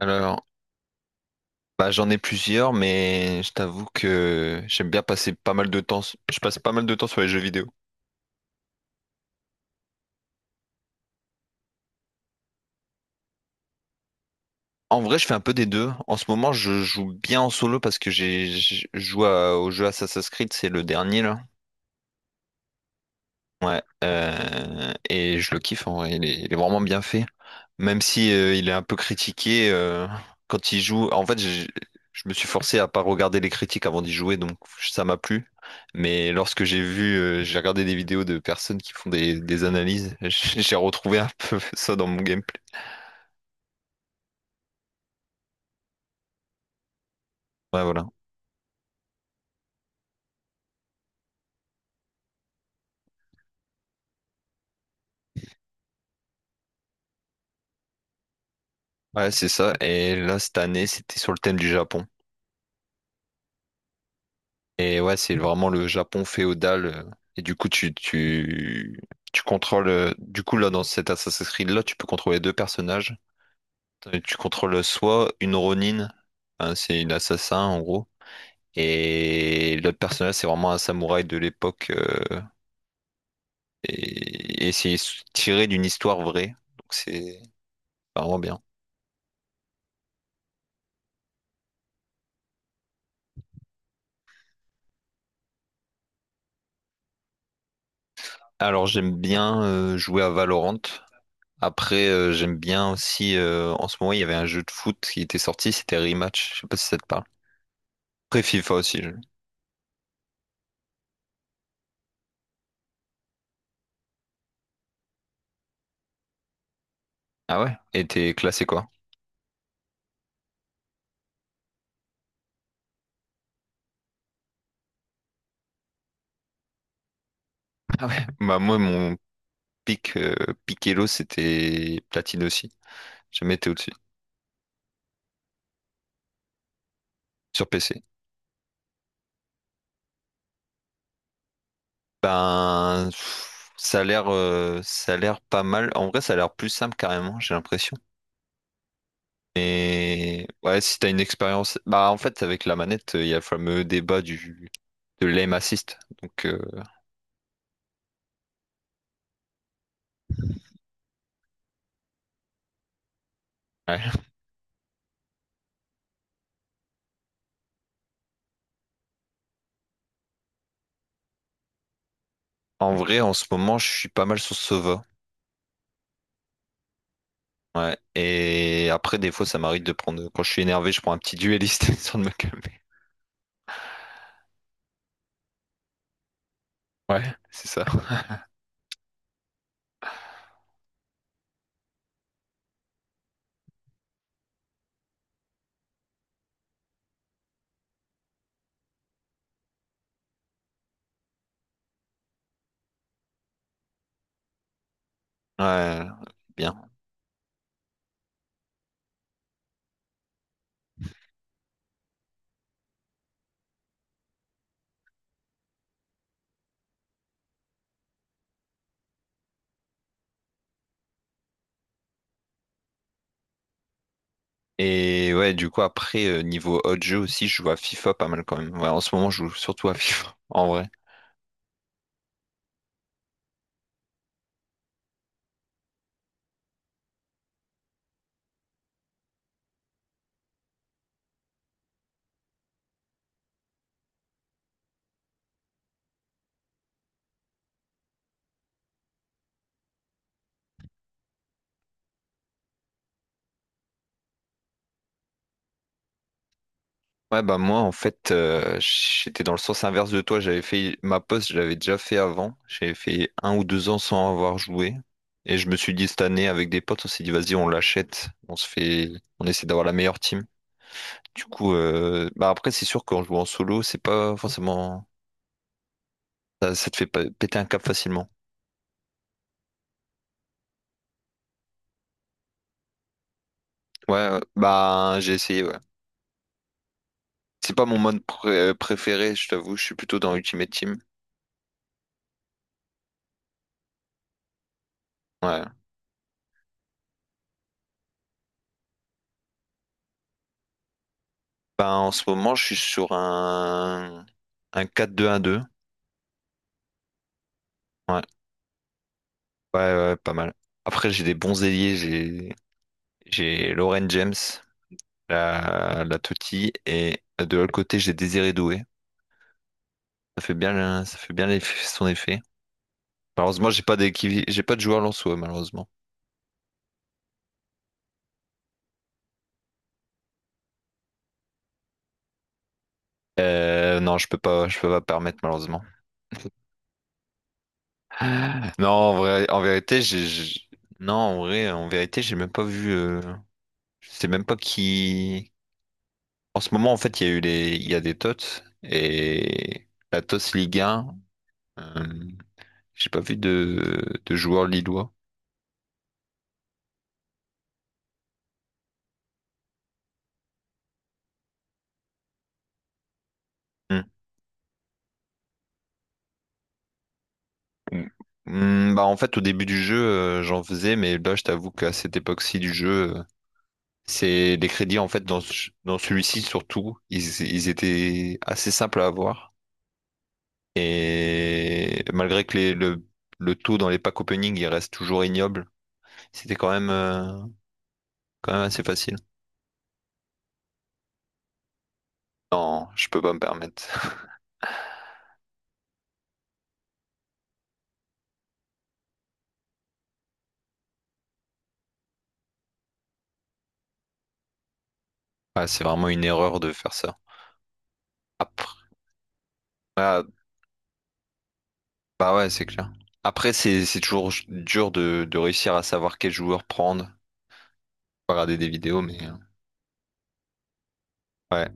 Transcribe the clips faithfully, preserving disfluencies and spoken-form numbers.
Alors, bah, j'en ai plusieurs, mais je t'avoue que j'aime bien passer pas mal de temps. Je passe pas mal de temps sur les jeux vidéo. En vrai, je fais un peu des deux. En ce moment, je joue bien en solo parce que j'ai je joue à- au jeu Assassin's Creed, c'est le dernier là. Ouais, euh, et je le kiffe en vrai, il est, il est vraiment bien fait. Même si euh, il est un peu critiqué euh, quand il joue. En fait, j'ai- je me suis forcé à pas regarder les critiques avant d'y jouer, donc ça m'a plu. Mais lorsque j'ai vu, euh, j'ai regardé des vidéos de personnes qui font des, des analyses, j'ai retrouvé un peu ça dans mon gameplay. Ouais, voilà. Ouais, c'est ça. Et là, cette année, c'était sur le thème du Japon. Et ouais, c'est vraiment le Japon féodal. euh, Et du coup, tu, tu, tu contrôles. euh, Du coup, là, dans cet Assassin's Creed-là, tu peux contrôler deux personnages. Euh, Tu contrôles soit une Ronin, hein, c'est une assassin en gros, et l'autre personnage, c'est vraiment un samouraï de l'époque. euh, et et c'est tiré d'une histoire vraie. Donc, c'est vraiment bien. Alors, j'aime bien euh, jouer à Valorant. Après, euh, j'aime bien aussi. Euh, en ce moment, il y avait un jeu de foot qui était sorti, c'était Rematch. Je sais pas si ça te parle. Après FIFA aussi. je- Ah ouais? Et t'es classé quoi? Ah ouais. Bah moi mon pic euh, pic c'était platine aussi. Jamais été au-dessus. Sur P C. Ben pff, ça a l'air euh, ça a l'air pas mal. En vrai ça a l'air plus simple carrément, j'ai l'impression. Mais ouais, si t'as une expérience. Bah en fait avec la manette, il y a le fameux débat du de l'aim assist. Donc euh, ouais. En vrai en ce moment je suis pas mal sur Sova. Ouais. Et après, des fois, ça m'arrive de prendre. Quand je suis énervé, je prends un petit duelliste histoire de me calmer. Ouais, c'est ça. Ouais, bien. Et ouais, du coup, après, euh, niveau autre jeu aussi, je joue à FIFA pas mal quand même. Ouais, en ce moment, je joue surtout à FIFA, en vrai. Ouais, bah moi, en fait, euh, j'étais dans le sens inverse de toi. J'avais fait ma poste, je l'avais déjà fait avant. J'avais fait un ou deux ans sans avoir joué. Et je me suis dit, cette année, avec des potes, on s'est dit, vas-y, on l'achète. On se fait, on essaie d'avoir la meilleure team. Du coup, euh, bah après, c'est sûr qu'en jouant en solo, c'est pas forcément. Ça, ça te fait pas- péter un cap facilement. Ouais, euh, bah j'ai essayé, ouais. C'est pas mon mode pré- préféré, je t'avoue, je suis plutôt dans Ultimate Team. Ouais. Bah en ce moment, je suis sur un, un quatre deux un deux. Ouais. Ouais, ouais, ouais, pas mal. Après, j'ai des bons ailiers, j'ai j'ai Lauren James, la, la Totti, et de l'autre côté, j'ai Désiré Doué. Ça fait bien, le- ça fait bien l'eff- son effet. Malheureusement, j'ai pas d'équipe, j'ai pas de joueur lensois, malheureusement. Euh, non, je peux pas, je peux pas permettre malheureusement. Non, en vrai, en vérité, j'ai, j'ai- Non, en vrai, en vérité, j'ai même pas vu. euh, Je sais même pas qui. En ce moment, en fait, il y a eu les, il y a des T O T S et la T O S Ligue un. euh, J'ai pas vu de, de joueurs lillois. Hmm. Hmm, bah en fait au début du jeu euh, j'en faisais, mais là je t'avoue qu'à cette époque-ci du jeu euh, c'est les crédits en fait dans, ce- dans celui-ci surtout ils, ils étaient assez simples à avoir. Et malgré que les- le, le taux dans les packs opening il reste toujours ignoble, c'était quand même, euh, quand même assez facile. Non, je peux pas me permettre. Ouais, c'est vraiment une erreur de faire ça. Après, ah, bah ouais, c'est clair. Après, c'est c'est toujours dur de, de réussir à savoir quel joueur prendre. Faut regarder des vidéos, mais euh, ouais,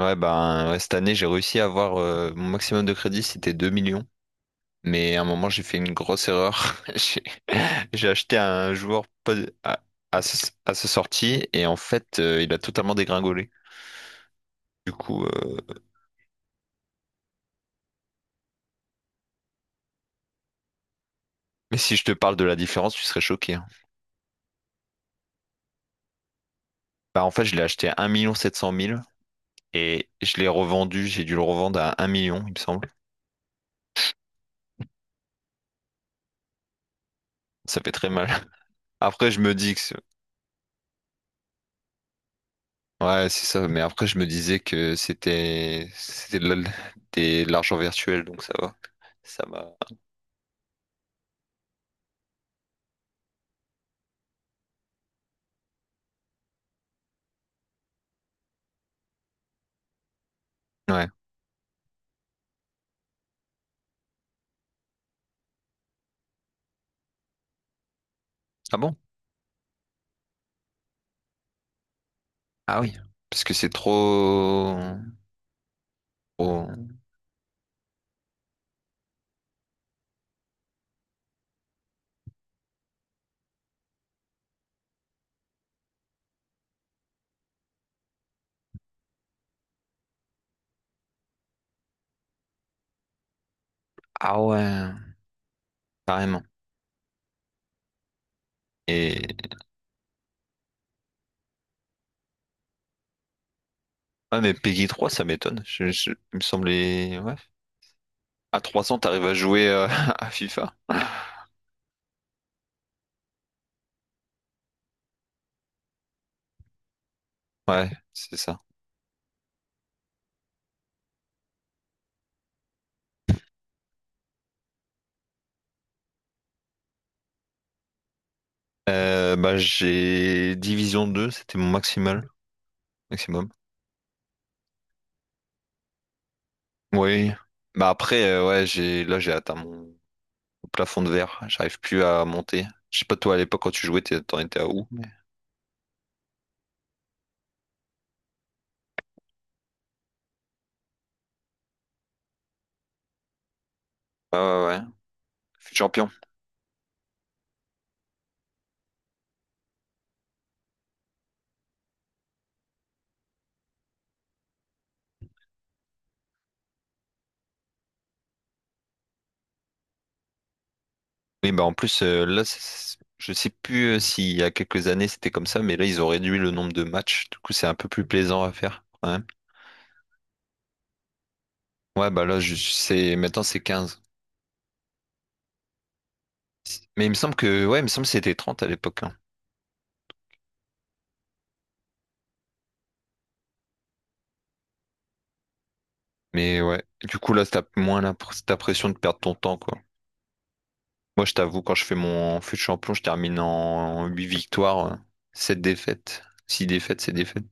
ouais, ben ouais, cette année j'ai réussi à avoir euh, mon maximum de crédit, c'était deux millions. Mais à un moment, j'ai fait une grosse erreur. J'ai j'ai acheté un joueur pas- à, à, sa à sa sortie et en fait, euh, il a totalement dégringolé. Du coup, euh, mais si je te parle de la différence, tu serais choqué, hein. Bah, en fait, je l'ai acheté à un million sept cent mille et je l'ai revendu. J'ai dû le revendre à un million, il me semble. Ça fait très mal. Après, je me dis que c'est- Ouais, c'est ça. Mais après, je me disais que c'était c'était de la- des- de l'argent virtuel, donc ça va. Ça m'a. Ouais. Ah bon? Ah oui, parce que c'est trop... trop- Ah ouais, carrément. Et. Ah mais Peggy trois, ça m'étonne. Je, je- Il me semblait. Ouais. À trois cents, t'arrives à jouer euh, à FIFA. Ouais, c'est ça. Euh, bah j'ai Division deux, c'était mon maximal. Maximum. Oui. Bah après, euh, ouais, j'ai là j'ai atteint mon plafond de verre. J'arrive plus à monter. Je sais pas toi à l'époque quand tu jouais, t'es- t'en étais à où? mais- Ouais, ouais, ouais. Champion. Oui, bah en plus, euh, là, c'est- je sais plus euh, s'il y a quelques années c'était comme ça, mais là, ils ont réduit le nombre de matchs. Du coup, c'est un peu plus plaisant à faire, quand même. Ouais, bah là, je sais, maintenant, c'est quinze. Mais il me semble que, ouais, il me semble que c'était trente à l'époque, hein. Mais ouais, du coup, là, t'as moins la... pr- t'as pression de perdre ton temps, quoi. Moi, je t'avoue, quand je fais mon fut de champion, je termine en huit victoires, euh, sept défaites. Six défaites, c'est défaites.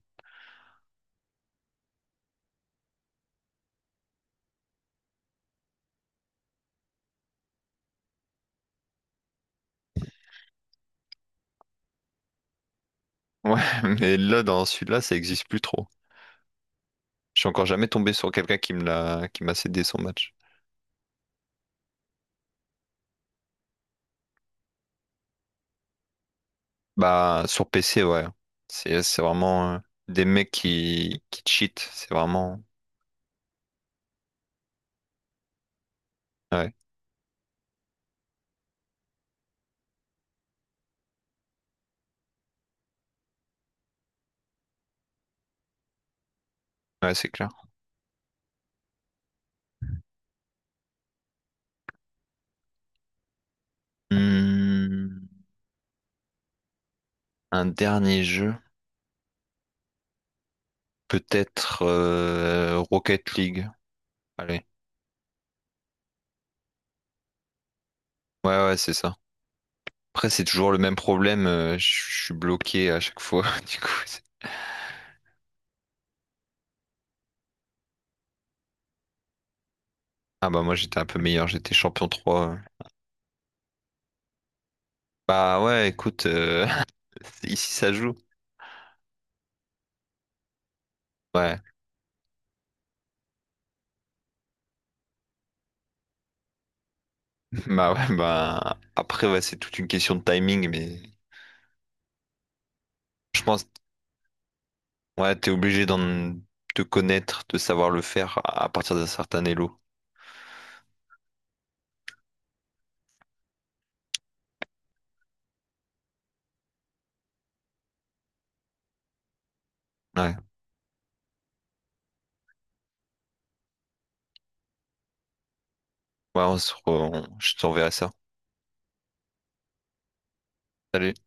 Ouais, mais là, dans celui-là, ça existe plus trop. Je suis encore jamais tombé sur quelqu'un qui me l'a, qui m'a cédé son match. Bah, sur P C, ouais. C'est, c'est vraiment euh, des mecs qui, qui cheatent. C'est vraiment. Ouais, ouais, c'est clair. Hmm, un dernier jeu. Peut-être euh, Rocket League. Allez. Ouais, ouais, c'est ça. Après, c'est toujours le même problème. euh, je je suis bloqué à chaque fois. Du coup, c'est- ah bah, moi, j'étais un peu meilleur. J'étais champion trois. Bah, ouais, écoute, euh, ici, ça joue. Ouais, bah ouais, bah après ouais, c'est toute une question de timing, mais je pense ouais, t'es obligé d'en te connaître, de savoir le faire à à partir d'un certain elo. Ouais, ouais, on se re- on- je t'enverrai ça. Salut.